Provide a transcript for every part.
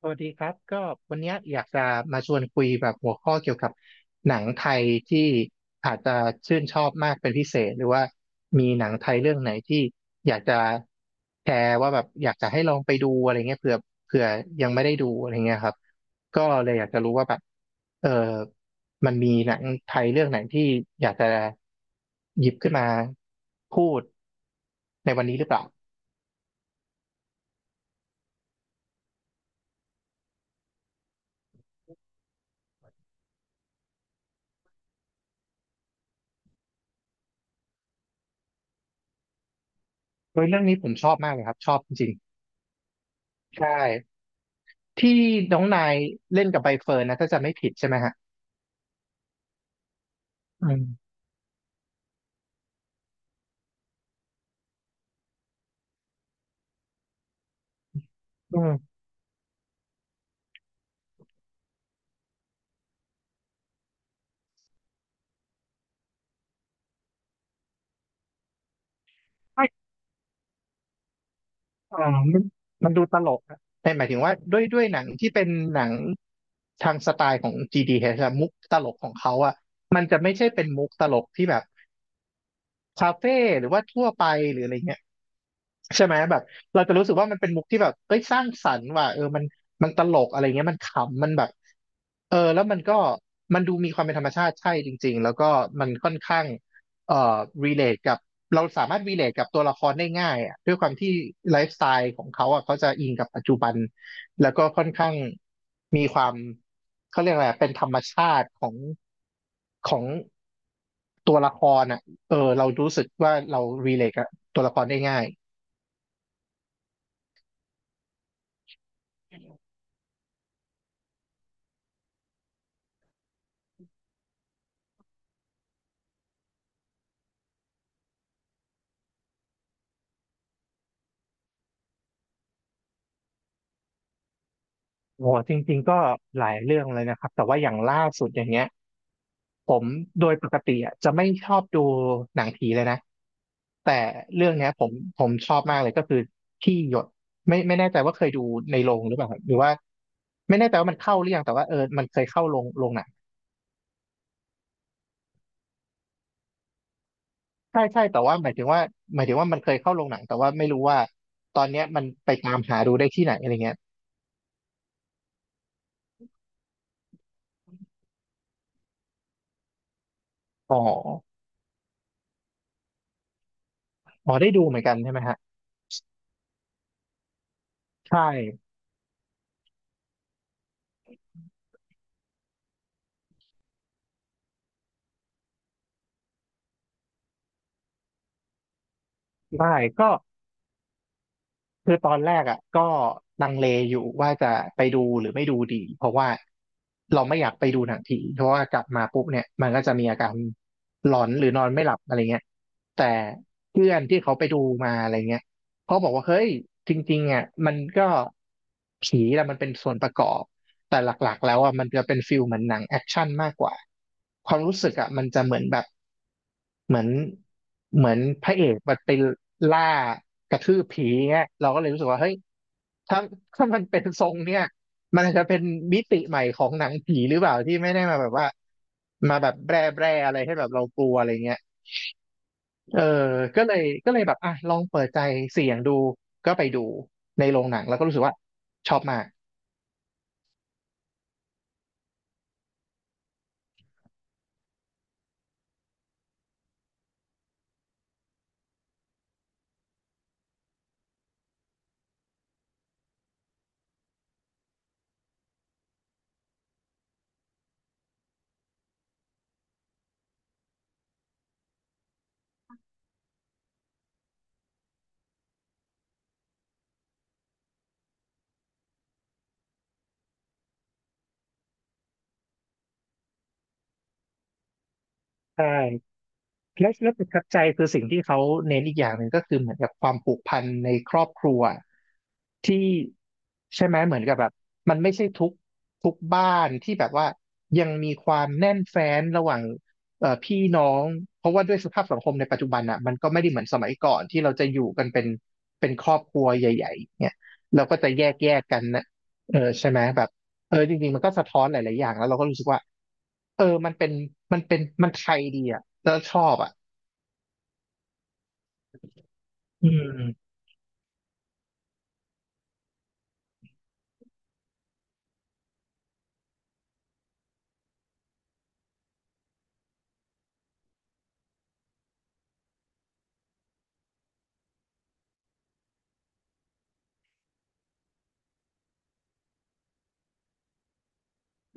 สวัสดีครับก็วันเนี้ยอยากจะมาชวนคุยแบบหัวข้อเกี่ยวกับหนังไทยที่อาจจะชื่นชอบมากเป็นพิเศษหรือว่ามีหนังไทยเรื่องไหนที่อยากจะแชร์ว่าแบบอยากจะให้ลองไปดูอะไรเงี้ยเผื่อยังไม่ได้ดูอะไรเงี้ยครับก็เลยอยากจะรู้ว่าแบบเออมันมีหนังไทยเรื่องไหนที่อยากจะหยิบขึ้นมาพูดในวันนี้หรือเปล่าโดยเรื่องนี้ผมชอบมากเลยครับชอบจริงๆใช่ ที่น้องนายเล่นกับใบเฟิร์นนะถ้าจะไม่ผิดใช่ไหมฮะอืมอืมใช่อ่ามันมันดูตลกนะแต่หมายถึงว่าด้วยหนังที่เป็นหนังทางสไตล์ของ GDH อชอะมุกตลกของเขาอะมันจะไม่ใช่เป็นมุกตลกที่แบบคาเฟ่หรือว่าทั่วไปหรืออะไรเงี้ย ใช่ไหมแบบเราจะรู้สึกว่ามันเป็นมุกที่แบบเอ้ยสร้างสรรค์ว่ะเออมันตลกอะไรเงี้ยมันขำมันแบบเออแล้วมันก็มันดูมีความเป็นธรรมชาติใช่จริงๆแล้วก็มันค่อนข้างเอ่อรีเลทกับเราสามารถรีเลทกับตัวละครได้ง่ายอะด้วยความที่ไลฟ์สไตล์ของเขาอ่ะเขาจะอิงกับปัจจุบันแล้วก็ค่อนข้างมีความเขาเรียกอะไรอะเป็นธรรมชาติของของตัวละครอ่ะเออเรารู้สึกว่าเรารีเลทกับตัวละครได้ง่าย โอ้จริงๆก็หลายเรื่องเลยนะครับแต่ว่าอย่างล่าสุดอย่างเงี้ยผมโดยปกติอ่ะจะไม่ชอบดูหนังผีเลยนะแต่เรื่องเนี้ยผมชอบมากเลยก็คือที่หยดไม่แน่ใจว่าเคยดูในโรงหรือเปล่าครับหรือว่าไม่แน่ใจว่ามันเข้าหรือยังแต่ว่าเออมันเคยเข้าโรงโรงหนังใช่ใช่แต่ว่าหมายถึงว่าหมายถึงว่ามันเคยเข้าโรงหนังแต่ว่าไม่รู้ว่าตอนเนี้ยมันไปตามหาดูได้ที่ไหนอะไรเงี้ยอ๋ออ๋อได้ดูเหมือนกันใช่ไหมฮะใช่ได้ก็ คือตอนแรกอ่ะก็ลังเลอยู่ว่าจะไปดูหรือไม่ดูดีเพราะว่าเราไม่อยากไปดูหนังผีเพราะว่ากลับมาปุ๊บเนี่ยมันก็จะมีอาการหลอนหรือนอนไม่หลับอะไรเงี้ยแต่เพื่อนที่เขาไปดูมาอะไรเงี้ยเขาบอกว่าเฮ้ยจริงๆอ่ะมันก็ผีแหละมันเป็นส่วนประกอบแต่หลักๆแล้วอ่ะมันจะเป็นฟิลเหมือนหนังแอคชั่นมากกว่าความรู้สึกอ่ะมันจะเหมือนแบบ เหมือนเหมือนพระเอกมันไปล่ากระทืบผีเงี้ยเราก็เลยรู้สึกว่าเฮ้ยถ้าถ้ามันเป็นทรงเนี่ยมันอาจจะเป็นมิติใหม่ของหนังผีหรือเปล่าที่ไม่ได้มาแบบว่ามาแบบแบร่แบร่อะไรให้แบบเรากลัวอะไรเงี้ยเออก็เลยแบบอ่ะลองเปิดใจเสี่ยงดูก็ไปดูในโรงหนังแล้วก็รู้สึกว่าชอบมากใช่ และและประทับใจคือสิ่งที่เขาเน้นอีกอย่างหนึ่งก็คือเหมือนกับความผูกพันในครอบครัวที่ใช่ไหมเหมือนกับแบบมันไม่ใช่ทุกบ้านที่แบบว่ายังมีความแน่นแฟ้นระหว่างพี่น้องเพราะว่าด้วยสภาพสังคมในปัจจุบันอ่ะมันก็ไม่ได้เหมือนสมัยก่อนที่เราจะอยู่กันเป็นเป็นครอบครัวใหญ่ๆเนี่ยเราก็จะแยกกันนะเออใช่ไหมแบบเออจริงๆมันก็สะท้อนหลายๆอย่างแล้วเราก็รู้สึกว่าเออมันเป็นมันเป็นมันไทยดีอ่ะแล้วชอบอ่ะ อืม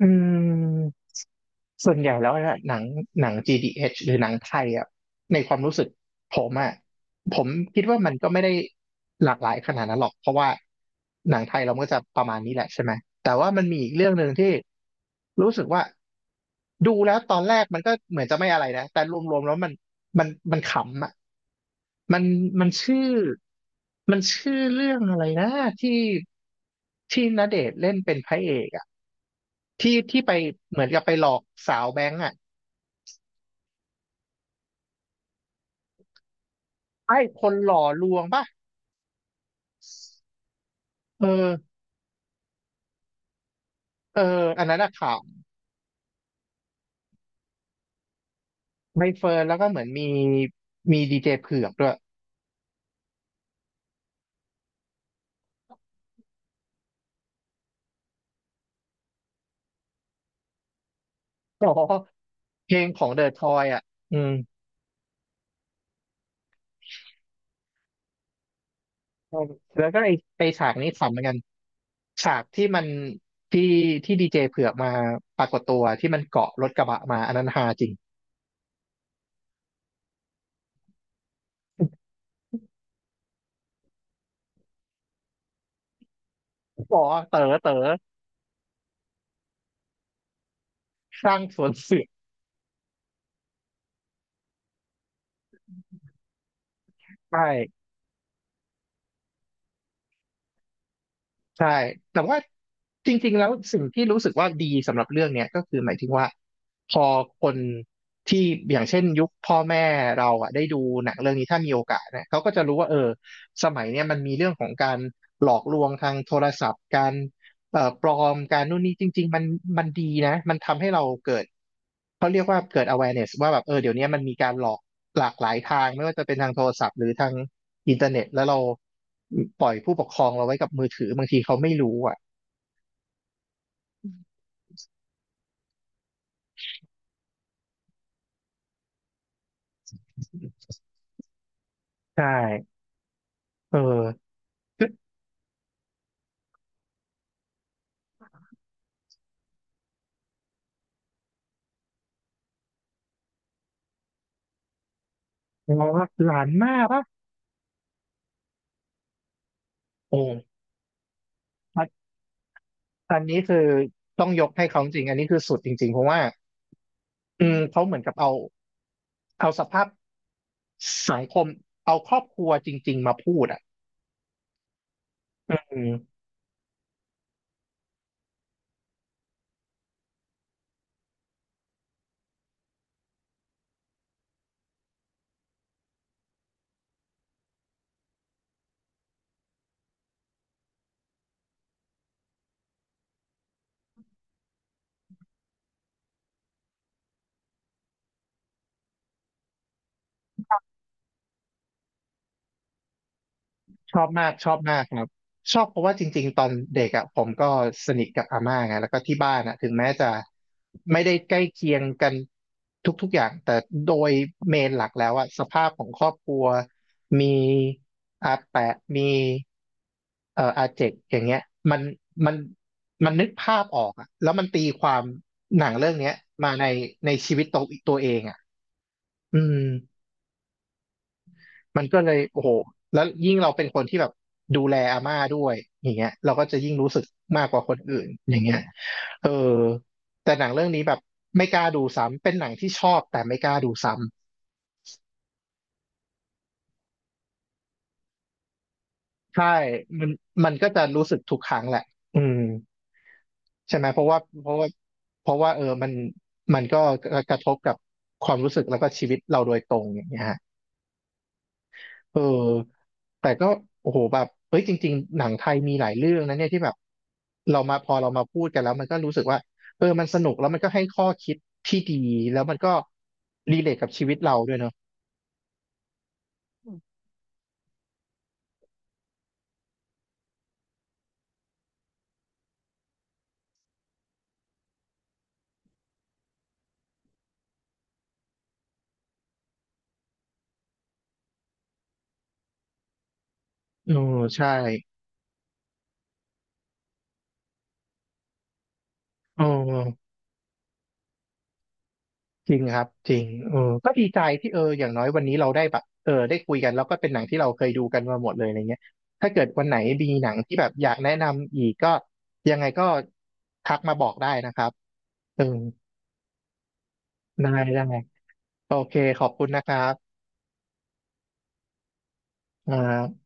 อืมส่วนใหญ่แล้วเนี่ยหนังหนัง GDH หรือหนังไทยอ่ะในความรู้สึกผมอ่ะผมคิดว่ามันก็ไม่ได้หลากหลายขนาดนั้นหรอกเพราะว่าหนังไทยเราก็จะประมาณนี้แหละใช่ไหมแต่ว่ามันมีอีกเรื่องหนึ่งที่รู้สึกว่าดูแล้วตอนแรกมันก็เหมือนจะไม่อะไรนะแต่รวมๆแล้วมันมันขำอ่ะ มันมันชื่อ มันชื่อเรื่องอะไรนะที่ที่ณเดชน์เล่นเป็นพระเอกอ่ะที่ที่ไปเหมือนกับไปหลอกสาวแบงก์อ่ะไอ้คนหล่อลวงป่ะเออเอออันนั้นอะข่าวใบเฟิร์นแล้วก็เหมือนมีมีดีเจเผือกด้วยอ๋อเพลงของเดอะทอยอ่ะอืมแล้วก็ไอฉากนี้ขำเหมือนกันฉากที่มันที่ที่ดีเจเผือกมาปรากฏตัวที่มันเกาะรถกระบะมาอันนั้นฮาจริง บอกว่าเต๋อเต๋อสร้างสวนเสือใช่ใช่แต่ว่าจริงๆแล้วสิ่งที่รู้สึกว่าดีสำหรับเรื่องเนี้ยก็คือหมายถึงว่าพอคนที่อย่างเช่นยุคพ่อแม่เราอ่ะได้ดูหนังเรื่องนี้ถ้ามีโอกาสนะเขาก็จะรู้ว่าเออสมัยเนี้ยมันมีเรื่องของการหลอกลวงทางโทรศัพท์การปลอมการนู่นนี่จริงๆมันดีนะมันทำให้เราเกิดเขาเรียกว่าเกิด awareness ว่าแบบเออเดี๋ยวนี้มันมีการหลอกหลากหลายทางไม่ว่าจะเป็นทางโทรศัพท์หรือทาง อินเทอร์เน็ตแล้วเราปล่อยผู้ปกครองเราไว้กับมือถือบางทีเขาไม่รู้อ่ะใช่เออเราหลานมากปะโอ้อันนี้คือต้องยกให้เขาจริงอันนี้คือสุดจริงๆเพราะว่าอืมเขาเหมือนกับเอาสภาพสังคมเอาครอบครัวจริงๆมาพูดอ่ะอืม ชอบมากชอบมากครับชอบเพราะว่าจริงๆตอนเด็กอ่ะผมก็สนิทกับอาม่าไงแล้วก็ที่บ้านอ่ะถึงแม้จะไม่ได้ใกล้เคียงกันทุกๆอย่างแต่โดยเมนหลักแล้วอ่ะสภาพของครอบครัวมีอาแปะมีอาเจกอย่างเงี้ยมันมันมันนึกภาพออกอ่ะแล้วมันตีความหนังเรื่องเนี้ยมาในในชีวิตตัวเองอ่ะอืม มันก็เลยโอ้โหแล้วยิ่งเราเป็นคนที่แบบดูแลอาม่าด้วยอย่างเงี้ยเราก็จะยิ่งรู้สึกมากกว่าคนอื่นอย่างเงี้ยเออแต่หนังเรื่องนี้แบบไม่กล้าดูซ้ำเป็นหนังที่ชอบแต่ไม่กล้าดูซ้ำใช่มันมันก็จะรู้สึกทุกครั้งแหละอืมใช่ไหมเพราะว่าเพราะว่าเออมันก็กระทบกับความรู้สึกแล้วก็ชีวิตเราโดยตรงอย่างเงี้ย เออแต่ก็โอ้โหแบบเฮ้ยจริงๆหนังไทยมีหลายเรื่องนะเนี่ยที่แบบเรามาพอเรามาพูดกันแล้วมันก็รู้สึกว่าเออมันสนุกแล้วมันก็ให้ข้อคิดที่ดีแล้วมันก็รีเลทกับชีวิตเราด้วยเนาะเออใช่เออจริงครับจริงเออก็ดีใจที่เอออย่างน้อยวันนี้เราได้แบบเออได้คุยกันแล้วก็เป็นหนังที่เราเคยดูกันมาหมดเลยอะไรเงี้ยถ้าเกิดวันไหนมีหนังที่แบบอยากแนะนำอีกก็ยังไงก็ทักมาบอกได้นะครับเออได้ได้ โอเคขอบคุณนะครับอ่า